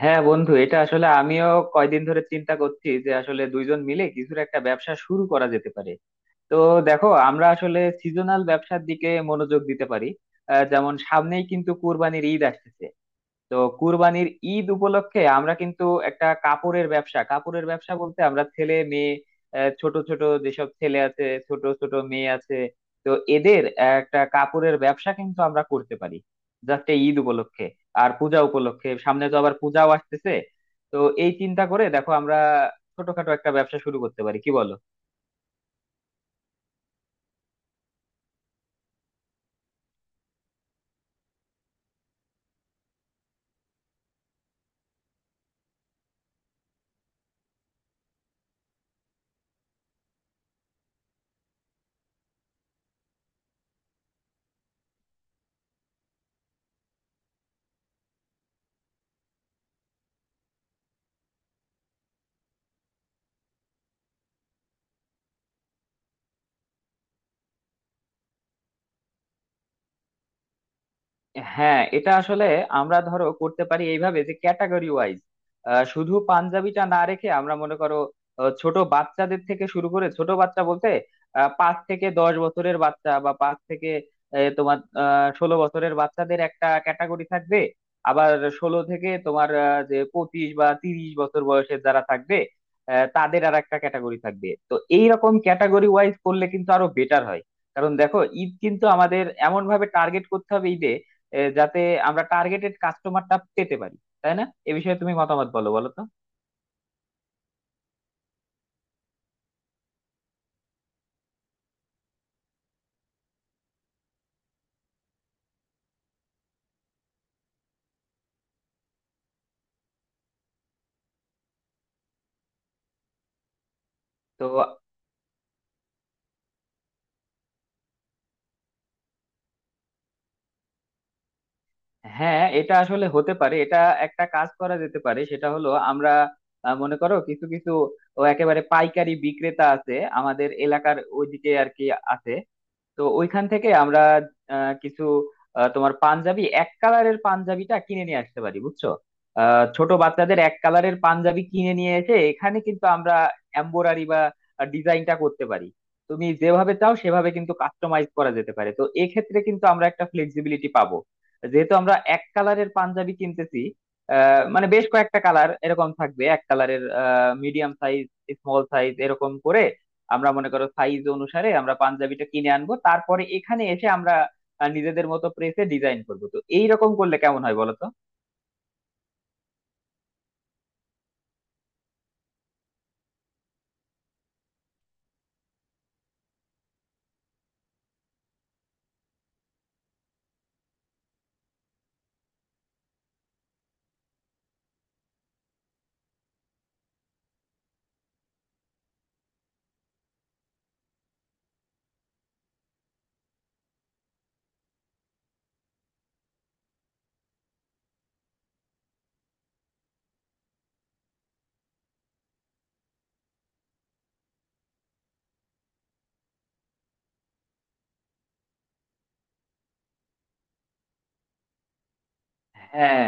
হ্যাঁ বন্ধু, এটা আসলে আমিও কয়দিন ধরে চিন্তা করছি যে আসলে দুইজন মিলে কিছুর একটা ব্যবসা শুরু করা যেতে পারে। তো দেখো, আমরা আসলে সিজনাল ব্যবসার দিকে মনোযোগ দিতে পারি। যেমন সামনেই কিন্তু কুরবানির ঈদ আসতেছে। তো কুরবানির ঈদ উপলক্ষে আমরা কিন্তু একটা কাপড়ের ব্যবসা, কাপড়ের ব্যবসা বলতে আমরা ছেলে মেয়ে, ছোট ছোট যেসব ছেলে আছে, ছোট ছোট মেয়ে আছে, তো এদের একটা কাপড়ের ব্যবসা কিন্তু আমরা করতে পারি জাস্ট এই ঈদ উপলক্ষে আর পূজা উপলক্ষে। সামনে তো আবার পূজাও আসতেছে। তো এই চিন্তা করে দেখো, আমরা ছোটখাটো একটা ব্যবসা শুরু করতে পারি। কি বলো? হ্যাঁ, এটা আসলে আমরা ধরো করতে পারি এইভাবে, যে ক্যাটাগরি ওয়াইজ শুধু পাঞ্জাবিটা না রেখে আমরা মনে করো ছোট বাচ্চাদের থেকে শুরু করে, ছোট বাচ্চা বলতে 5 থেকে 10 বছরের বাচ্চা বা পাঁচ থেকে আহ, তোমার 16 বছরের বাচ্চাদের একটা ক্যাটাগরি থাকবে। আবার ষোলো থেকে তোমার যে 25 বা 30 বছর বয়সের যারা থাকবে, তাদের আর একটা ক্যাটাগরি থাকবে। তো এইরকম ক্যাটাগরি ওয়াইজ করলে কিন্তু আরো বেটার হয়। কারণ দেখো, ঈদ কিন্তু আমাদের এমন ভাবে টার্গেট করতে হবে ঈদে যাতে আমরা টার্গেটেড কাস্টমারটা পেতে পারি। তাই না? এ বিষয়ে তুমি মতামত বলো বলো তো। তো হ্যাঁ, এটা আসলে হতে পারে। এটা একটা কাজ করা যেতে পারে, সেটা হলো আমরা মনে করো কিছু কিছু ও একেবারে পাইকারি বিক্রেতা আছে আমাদের এলাকার ওইদিকে আর কি, আছে। তো ওইখান থেকে আমরা কিছু আহ, তোমার পাঞ্জাবি, এক কালারের পাঞ্জাবিটা কিনে নিয়ে আসতে পারি। বুঝছো? ছোট বাচ্চাদের এক কালারের পাঞ্জাবি কিনে নিয়ে এসে এখানে কিন্তু আমরা এমব্রয়ডারি বা ডিজাইনটা করতে পারি। তুমি যেভাবে চাও সেভাবে কিন্তু কাস্টমাইজ করা যেতে পারে। তো এক্ষেত্রে কিন্তু আমরা একটা ফ্লেক্সিবিলিটি পাবো যেহেতু আমরা এক কালারের পাঞ্জাবি কিনতেছি। মানে বেশ কয়েকটা কালার এরকম থাকবে এক কালারের, মিডিয়াম সাইজ, স্মল সাইজ এরকম করে। আমরা মনে করো সাইজ অনুসারে আমরা পাঞ্জাবিটা কিনে আনবো, তারপরে এখানে এসে আমরা নিজেদের মতো প্রেসে ডিজাইন করবো। তো এইরকম করলে কেমন হয় বলো তো? হ্যাঁ,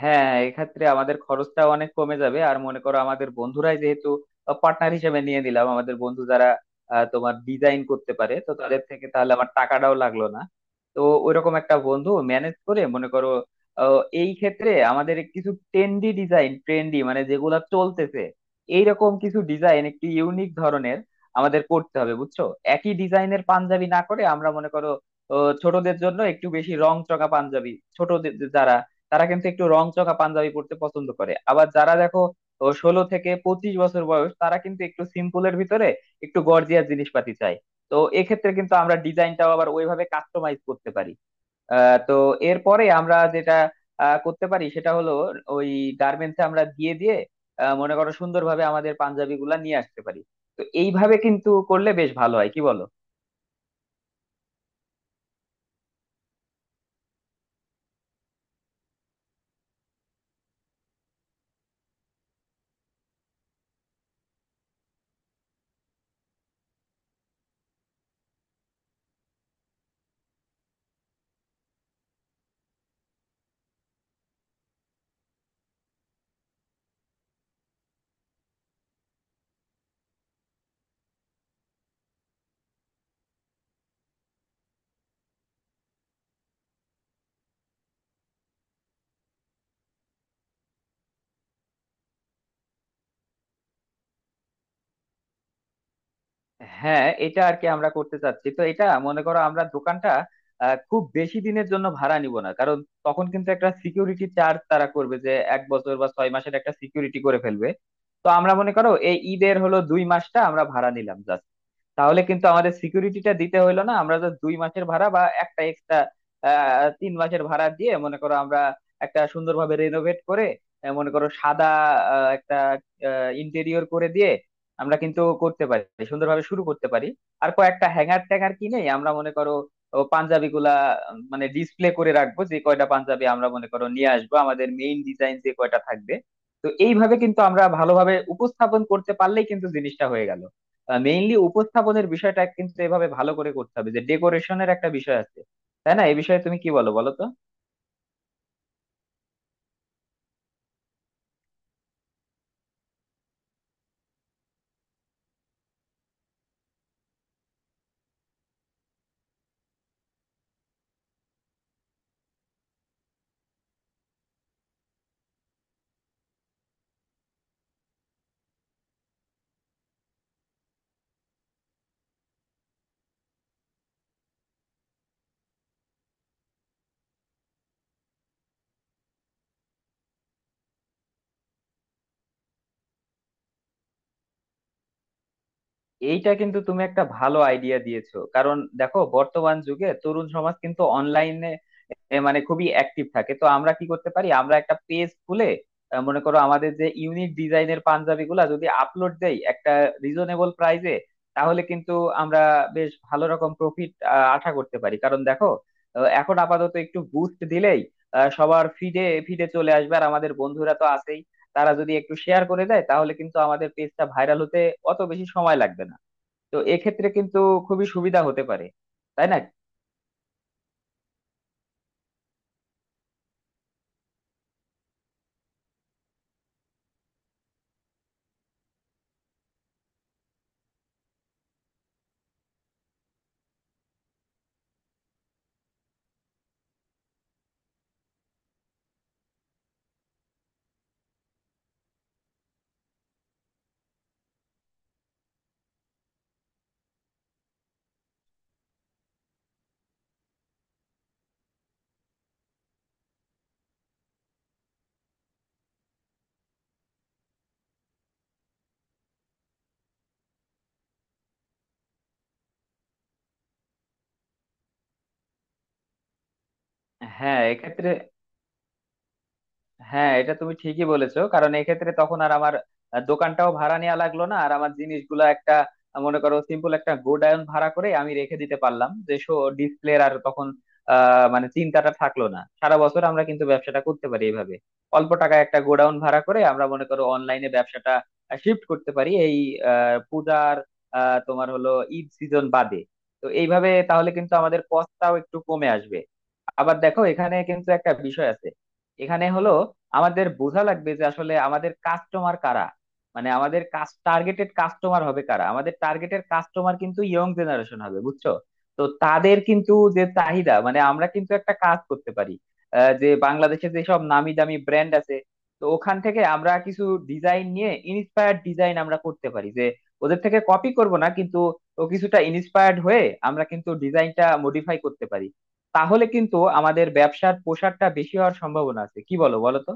হ্যাঁ এক্ষেত্রে আমাদের খরচটা অনেক কমে যাবে। আর মনে করো আমাদের বন্ধুরাই যেহেতু পার্টনার হিসেবে নিয়ে নিলাম, আমাদের বন্ধু যারা আহ, তোমার ডিজাইন করতে পারে, তো তাদের থেকে তাহলে আমার টাকাটাও লাগলো না। তো ওইরকম একটা বন্ধু ম্যানেজ করে, মনে করো এই ক্ষেত্রে আমাদের কিছু ট্রেন্ডি ডিজাইন, ট্রেন্ডি মানে যেগুলা চলতেছে এইরকম কিছু ডিজাইন, একটু ইউনিক ধরনের আমাদের করতে হবে। বুঝছো? একই ডিজাইনের পাঞ্জাবি না করে আমরা মনে করো ছোটদের জন্য একটু বেশি রং চঙা পাঞ্জাবি, ছোটদের যারা, তারা কিন্তু একটু রংচঙা পাঞ্জাবি পরতে পছন্দ করে। আবার যারা দেখো ও 16 থেকে 25 বছর বয়স, তারা কিন্তু একটু সিম্পলের ভিতরে একটু গর্জিয়াস জিনিসপাতি চায়। তো এক্ষেত্রে কিন্তু আমরা ডিজাইনটাও আবার ওইভাবে কাস্টমাইজ করতে পারি। তো এরপরে আমরা যেটা করতে পারি সেটা হলো ওই গার্মেন্টসে আমরা দিয়ে দিয়ে মনে করো সুন্দরভাবে আমাদের পাঞ্জাবি গুলা নিয়ে আসতে পারি। তো এইভাবে কিন্তু করলে বেশ ভালো হয়। কি বলো? হ্যাঁ, এটা আর কি আমরা করতে চাচ্ছি। তো এটা মনে করো, আমরা দোকানটা খুব বেশি দিনের জন্য ভাড়া নিব না, কারণ তখন কিন্তু একটা সিকিউরিটি চার্জ তারা করবে, যে 1 বছর বা 6 মাসের একটা সিকিউরিটি করে ফেলবে। তো আমরা মনে করো এই ঈদের হলো 2 মাসটা আমরা ভাড়া নিলাম জাস্ট, তাহলে কিন্তু আমাদের সিকিউরিটিটা দিতে হইলো না। আমরা জাস্ট 2 মাসের ভাড়া বা একটা এক্সট্রা 3 মাসের ভাড়া দিয়ে, মনে করো আমরা একটা সুন্দরভাবে রেনোভেট করে মনে করো সাদা একটা ইন্টেরিয়র করে দিয়ে আমরা কিন্তু করতে পারি, সুন্দরভাবে শুরু করতে পারি। আর কয়েকটা হ্যাঙ্গার ট্যাঙ্গার কিনে আমরা মনে করো ও পাঞ্জাবি গুলা মানে ডিসপ্লে করে রাখবো, যে কয়টা পাঞ্জাবি আমরা মনে করো নিয়ে আসবো, আমাদের মেইন ডিজাইন যে কয়টা থাকবে। তো এইভাবে কিন্তু আমরা ভালোভাবে উপস্থাপন করতে পারলেই কিন্তু জিনিসটা হয়ে গেল। মেইনলি উপস্থাপনের বিষয়টা কিন্তু এভাবে ভালো করে করতে হবে, যে ডেকোরেশনের একটা বিষয় আছে। তাই না? এই বিষয়ে তুমি কি বলো বলো তো। এইটা কিন্তু তুমি একটা ভালো আইডিয়া দিয়েছো, কারণ দেখো বর্তমান যুগে তরুণ সমাজ কিন্তু অনলাইনে মানে খুবই অ্যাক্টিভ থাকে। তো আমরা কি করতে পারি, আমরা একটা পেজ খুলে মনে করো আমাদের যে ইউনিক ডিজাইনের পাঞ্জাবি গুলা যদি আপলোড দেই একটা রিজনেবল প্রাইসে, তাহলে কিন্তু আমরা বেশ ভালো রকম প্রফিট আশা করতে পারি। কারণ দেখো এখন আপাতত একটু বুস্ট দিলেই সবার ফিডে ফিডে চলে আসবে। আর আমাদের বন্ধুরা তো আছেই, তারা যদি একটু শেয়ার করে দেয় তাহলে কিন্তু আমাদের পেজটা ভাইরাল হতে অত বেশি সময় লাগবে না। তো এক্ষেত্রে কিন্তু খুবই সুবিধা হতে পারে। তাই না? হ্যাঁ এক্ষেত্রে, হ্যাঁ এটা তুমি ঠিকই বলেছো, কারণ এক্ষেত্রে তখন আর আমার দোকানটাও ভাড়া নেওয়া লাগলো না। আর আমার জিনিসগুলো একটা মনে করো সিম্পল একটা গোডাউন ভাড়া করে আমি রেখে দিতে পারলাম, যে শো ডিসপ্লে। আর তখন মানে চিন্তাটা থাকলো না। সারা বছর আমরা কিন্তু ব্যবসাটা করতে পারি এইভাবে, অল্প টাকায় একটা গোডাউন ভাড়া করে আমরা মনে করো অনলাইনে ব্যবসাটা শিফট করতে পারি এই পূজার আহ তোমার হলো ঈদ সিজন বাদে। তো এইভাবে তাহলে কিন্তু আমাদের কষ্টটাও একটু কমে আসবে। আবার দেখো এখানে কিন্তু একটা বিষয় আছে, এখানে হলো আমাদের বোঝা লাগবে যে আসলে আমাদের কাস্টমার কারা, মানে আমাদের কাজ টার্গেটেড কাস্টমার হবে কারা। আমাদের টার্গেটেড কাস্টমার কিন্তু ইয়ং জেনারেশন হবে। বুঝছো? তো তাদের কিন্তু যে চাহিদা, মানে আমরা কিন্তু একটা কাজ করতে পারি, যে বাংলাদেশে যেসব নামি দামি ব্র্যান্ড আছে, তো ওখান থেকে আমরা কিছু ডিজাইন নিয়ে ইন্সপায়ার্ড ডিজাইন আমরা করতে পারি, যে ওদের থেকে কপি করব না কিন্তু, ও কিছুটা ইন্সপায়ার্ড হয়ে আমরা কিন্তু ডিজাইনটা মডিফাই করতে পারি। তাহলে কিন্তু আমাদের ব্যবসার প্রসারটা বেশি হওয়ার সম্ভাবনা আছে। কি বলো বলো তো?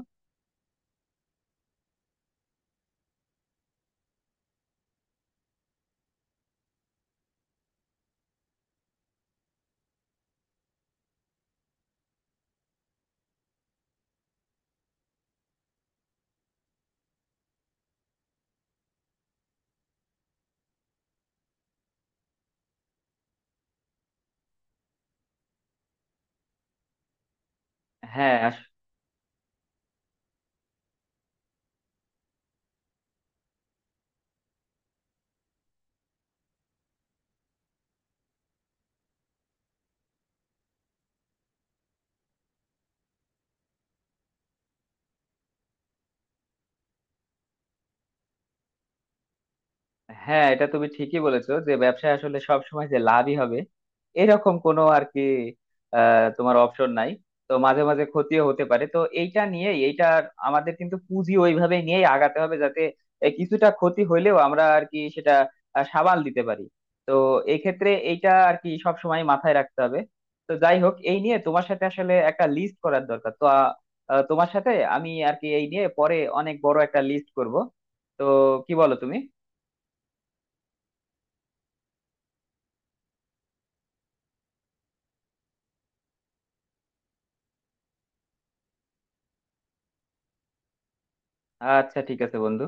হ্যাঁ, হ্যাঁ এটা তুমি ঠিকই বলেছো যে ব্যবসায় আসলে সব সময় যে লাভই হবে এরকম কোনো আর কি আহ, তোমার অপশন নাই। তো মাঝে মাঝে ক্ষতিও হতে পারে। তো এইটা নিয়ে, এইটা আমাদের কিন্তু পুঁজি ওইভাবে নিয়েই আগাতে হবে যাতে কিছুটা ক্ষতি হইলেও আমরা আর কি সেটা সামাল দিতে পারি। তো এই ক্ষেত্রে এইটা আর কি সব সময় মাথায় রাখতে হবে। তো যাই হোক, এই নিয়ে তোমার সাথে আসলে একটা লিস্ট করার দরকার। তো আহ, আহ, তোমার সাথে আমি আর কি এই নিয়ে পরে অনেক বড় একটা লিস্ট করব। তো কি বলো তুমি? আচ্ছা ঠিক আছে বন্ধু।